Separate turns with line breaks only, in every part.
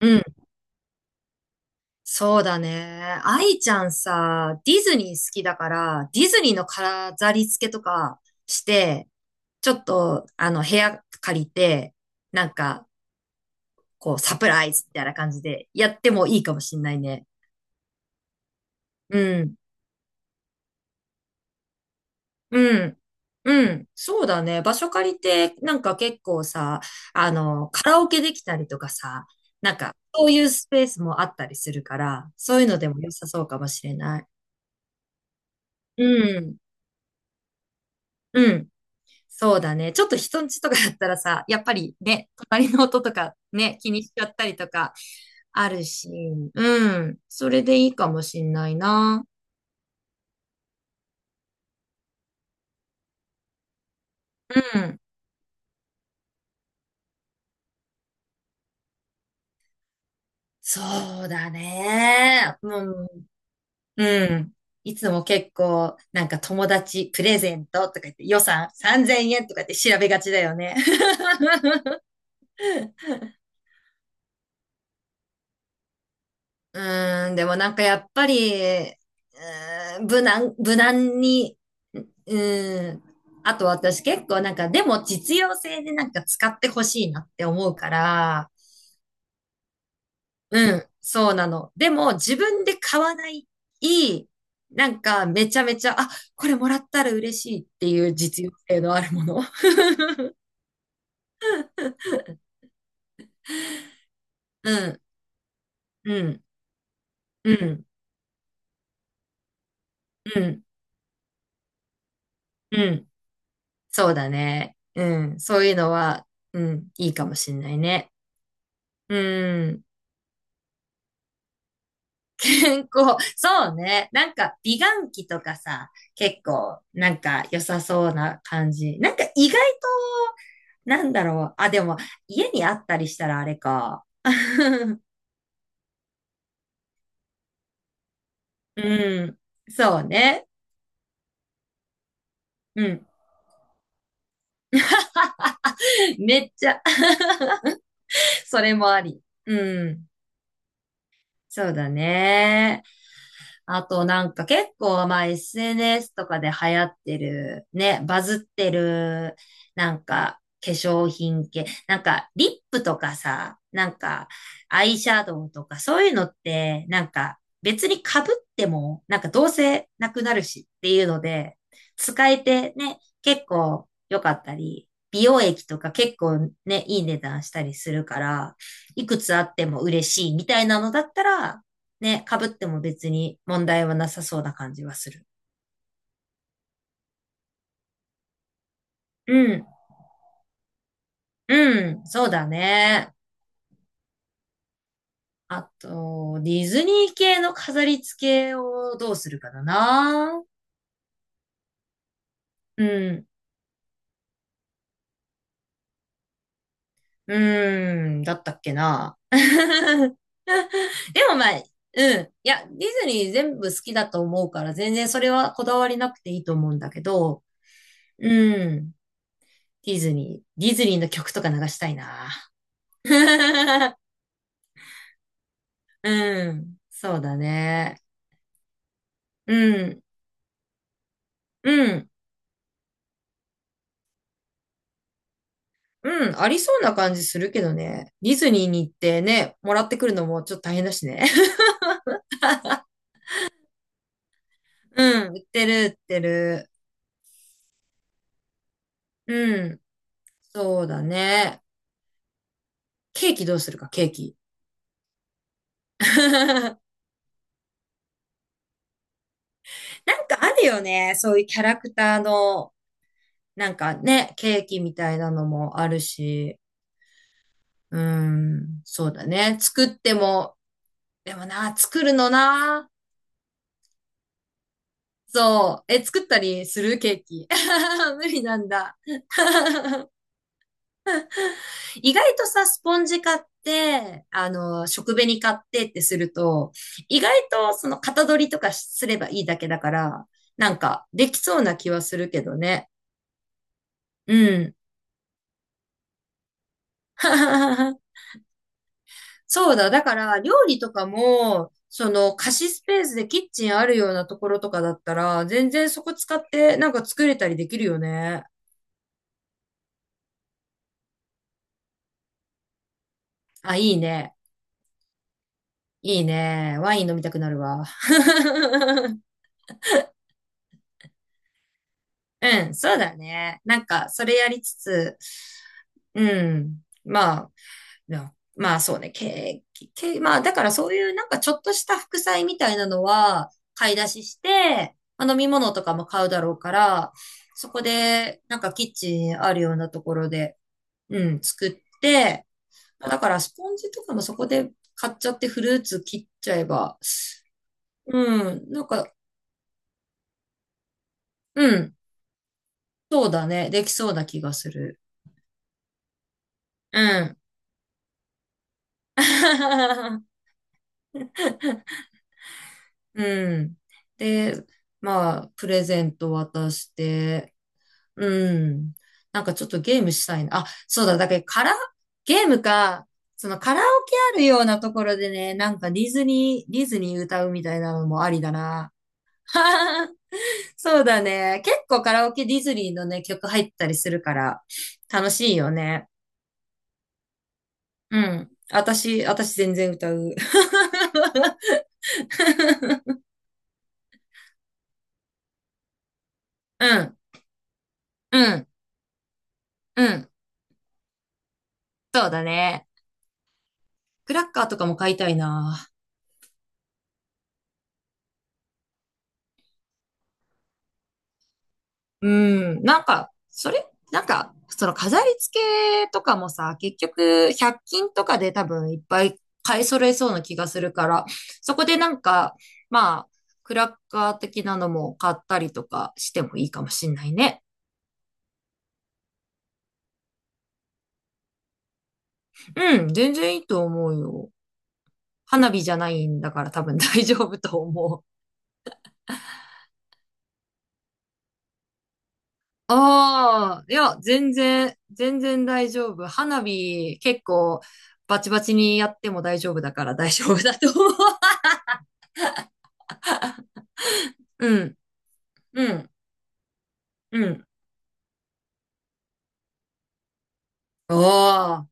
うん。そうだね。愛ちゃんさ、ディズニー好きだから、ディズニーの飾り付けとかして、ちょっと、部屋借りて、なんか、こう、サプライズみたいな感じでやってもいいかもしんないね。うん。うん。うん。そうだね。場所借りて、なんか結構さ、カラオケできたりとかさ、なんか、そういうスペースもあったりするから、そういうのでも良さそうかもしれない。うん。うん。そうだね。ちょっと人んちとかだったらさ、やっぱりね、隣の音とかね、気にしちゃったりとかあるし、うん。それでいいかもしんないな。うん。そうだね。もう、うん。いつも結構、なんか友達プレゼントとか言って予算3000円とか言って調べがちだよね。うでもなんかやっぱり、無難に、うーん、あと私結構なんか、でも実用性でなんか使ってほしいなって思うから、うん、そうなの。でも自分で買わない、いい、なんかめちゃめちゃ、これもらったら嬉しいっていう実用性のあるもの。うん、うん、うん、うん、うん。そうだね。うん、そういうのは、うん、いいかもしんないね。うん。健康。そうね。なんか、美顔器とかさ、結構、なんか良さそうな感じ。なんか意外と、なんだろう。でも、家にあったりしたらあれか。うん。そうね。うん。めっちゃ それもあり。うん。そうだね。あとなんか結構まあ SNS とかで流行ってる、ね、バズってる、なんか化粧品系、なんかリップとかさ、なんかアイシャドウとかそういうのって、なんか別に被っても、なんかどうせなくなるしっていうので、使えてね、結構良かったり、美容液とか結構ね、いい値段したりするから、いくつあっても嬉しいみたいなのだったら、ね、被っても別に問題はなさそうな感じはする。うん。うん。そうだね。あと、ディズニー系の飾り付けをどうするかだな。うん。うん。だったっけな。でもまあ、うん。いや、ディズニー全部好きだと思うから、全然それはこだわりなくていいと思うんだけど、うん。ディズニーの曲とか流したいな。うん。そうだね。うん、うん、うん、ありそうな感じするけどね。ディズニーに行ってね、もらってくるのもちょっと大変だしね。う売ってる。うん、そうだね。ケーキどうするか。ケーキ。なんかあるよね。そういうキャラクターの、なんかね、ケーキみたいなのもあるし。うん、そうだね。作っても、でもな、作るのな。そう。え、作ったりするケーキ。無理なんだ。意外とさ、スポンジ買って、食紅買ってってすると、意外とその型取りとかすればいいだけだから、なんかできそうな気はするけどね。うん。そうだ。だから、料理とかも、貸しスペースでキッチンあるようなところとかだったら、全然そこ使って、なんか作れたりできるよね。あ、いいね。いいね。ワイン飲みたくなるわ。うん、そうだね。なんか、それやりつつ、うん。まあ、なまあそうね、け、け、まあだからそういうなんかちょっとした副菜みたいなのは買い出しして、まあ飲み物とかも買うだろうから、そこでなんかキッチンあるようなところで、うん、作って、まあだからスポンジとかもそこで買っちゃってフルーツ切っちゃえば、うん、なんか、うん、そうだね、できそうな気がする。うん。うん。で、まあ、プレゼント渡して、うん。なんかちょっとゲームしたいな。あ、そうだ、だけどカラ、ゲームか、そのカラオケあるようなところでね、なんかディズニー歌うみたいなのもありだな。そうだね。結構カラオケディズニーのね、曲入ったりするから、楽しいよね。うん。私全然歌う。うん、うん、うん、そうだね。クラッカーとかも買いたいな。うん。なんか、その飾り付けとかもさ、結局、100均とかで多分いっぱい買い揃えそうな気がするから、そこでなんか、まあ、クラッカー的なのも買ったりとかしてもいいかもしんないね。うん、全然いいと思うよ。花火じゃないんだから多分大丈夫と思う。いや、全然大丈夫。花火結構バチバチにやっても大丈夫だから大丈夫だと思う。うん、うん、うん。ああ、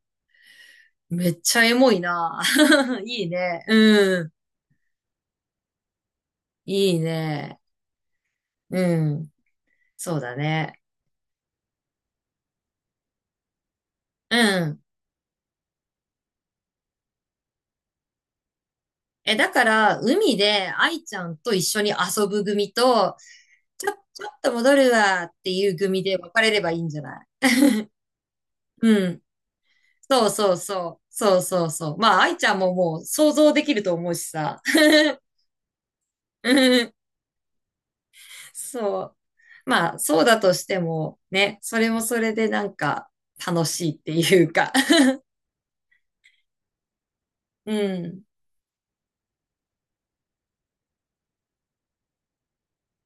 めっちゃエモいな。いいね。うん。いいね。うん。そうだね。うん。え、だから、海で愛ちゃんと一緒に遊ぶ組と、ちょっと戻るわっていう組で別れればいいんじゃない？うん。そうそうそう。そうそうそう。まあ、愛ちゃんももう想像できると思うしさ。うん。そう。まあ、そうだとしても、ね、それもそれでなんか楽しいっていうか。うん。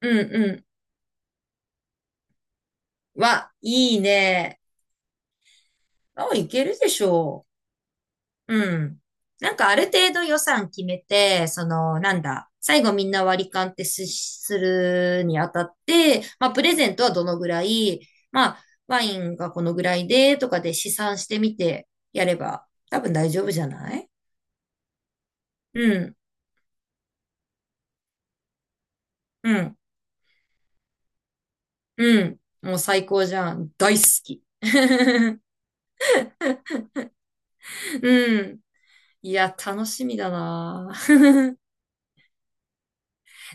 うんうん。わ、いいね。あ、いけるでしょう。うん。なんかある程度予算決めて、その、なんだ、最後みんな割り勘ってするにあたって、まあ、プレゼントはどのぐらい、まあ、ワインがこのぐらいで、とかで試算してみてやれば、多分大丈夫じゃない？うん、うん、うん。もう最高じゃん。大好き。うん。いや、楽しみだな。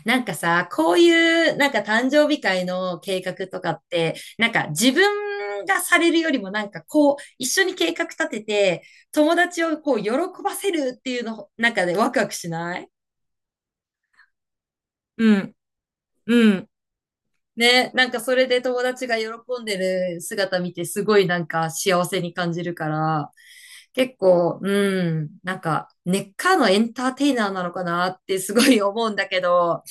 なんかさ、こういう、なんか誕生日会の計画とかって、なんか自分がされるよりもなんかこう、一緒に計画立てて、友達をこう、喜ばせるっていうの、なんかでワクワクしない？うん、うん。ね、なんかそれで友達が喜んでる姿見て、すごいなんか幸せに感じるから、結構、うん、なんか根っからのエンターテイナーなのかなってすごい思うんだけど、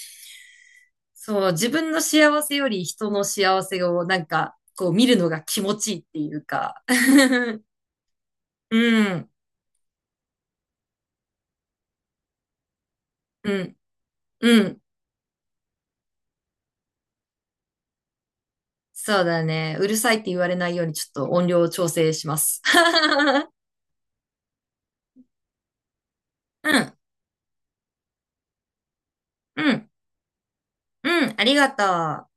そう、自分の幸せより人の幸せをなんか、こう見るのが気持ちいいっていうか。うん、うん、うん。そうだね。うるさいって言われないようにちょっと音量を調整します。うん、うん、うん、ありがとう。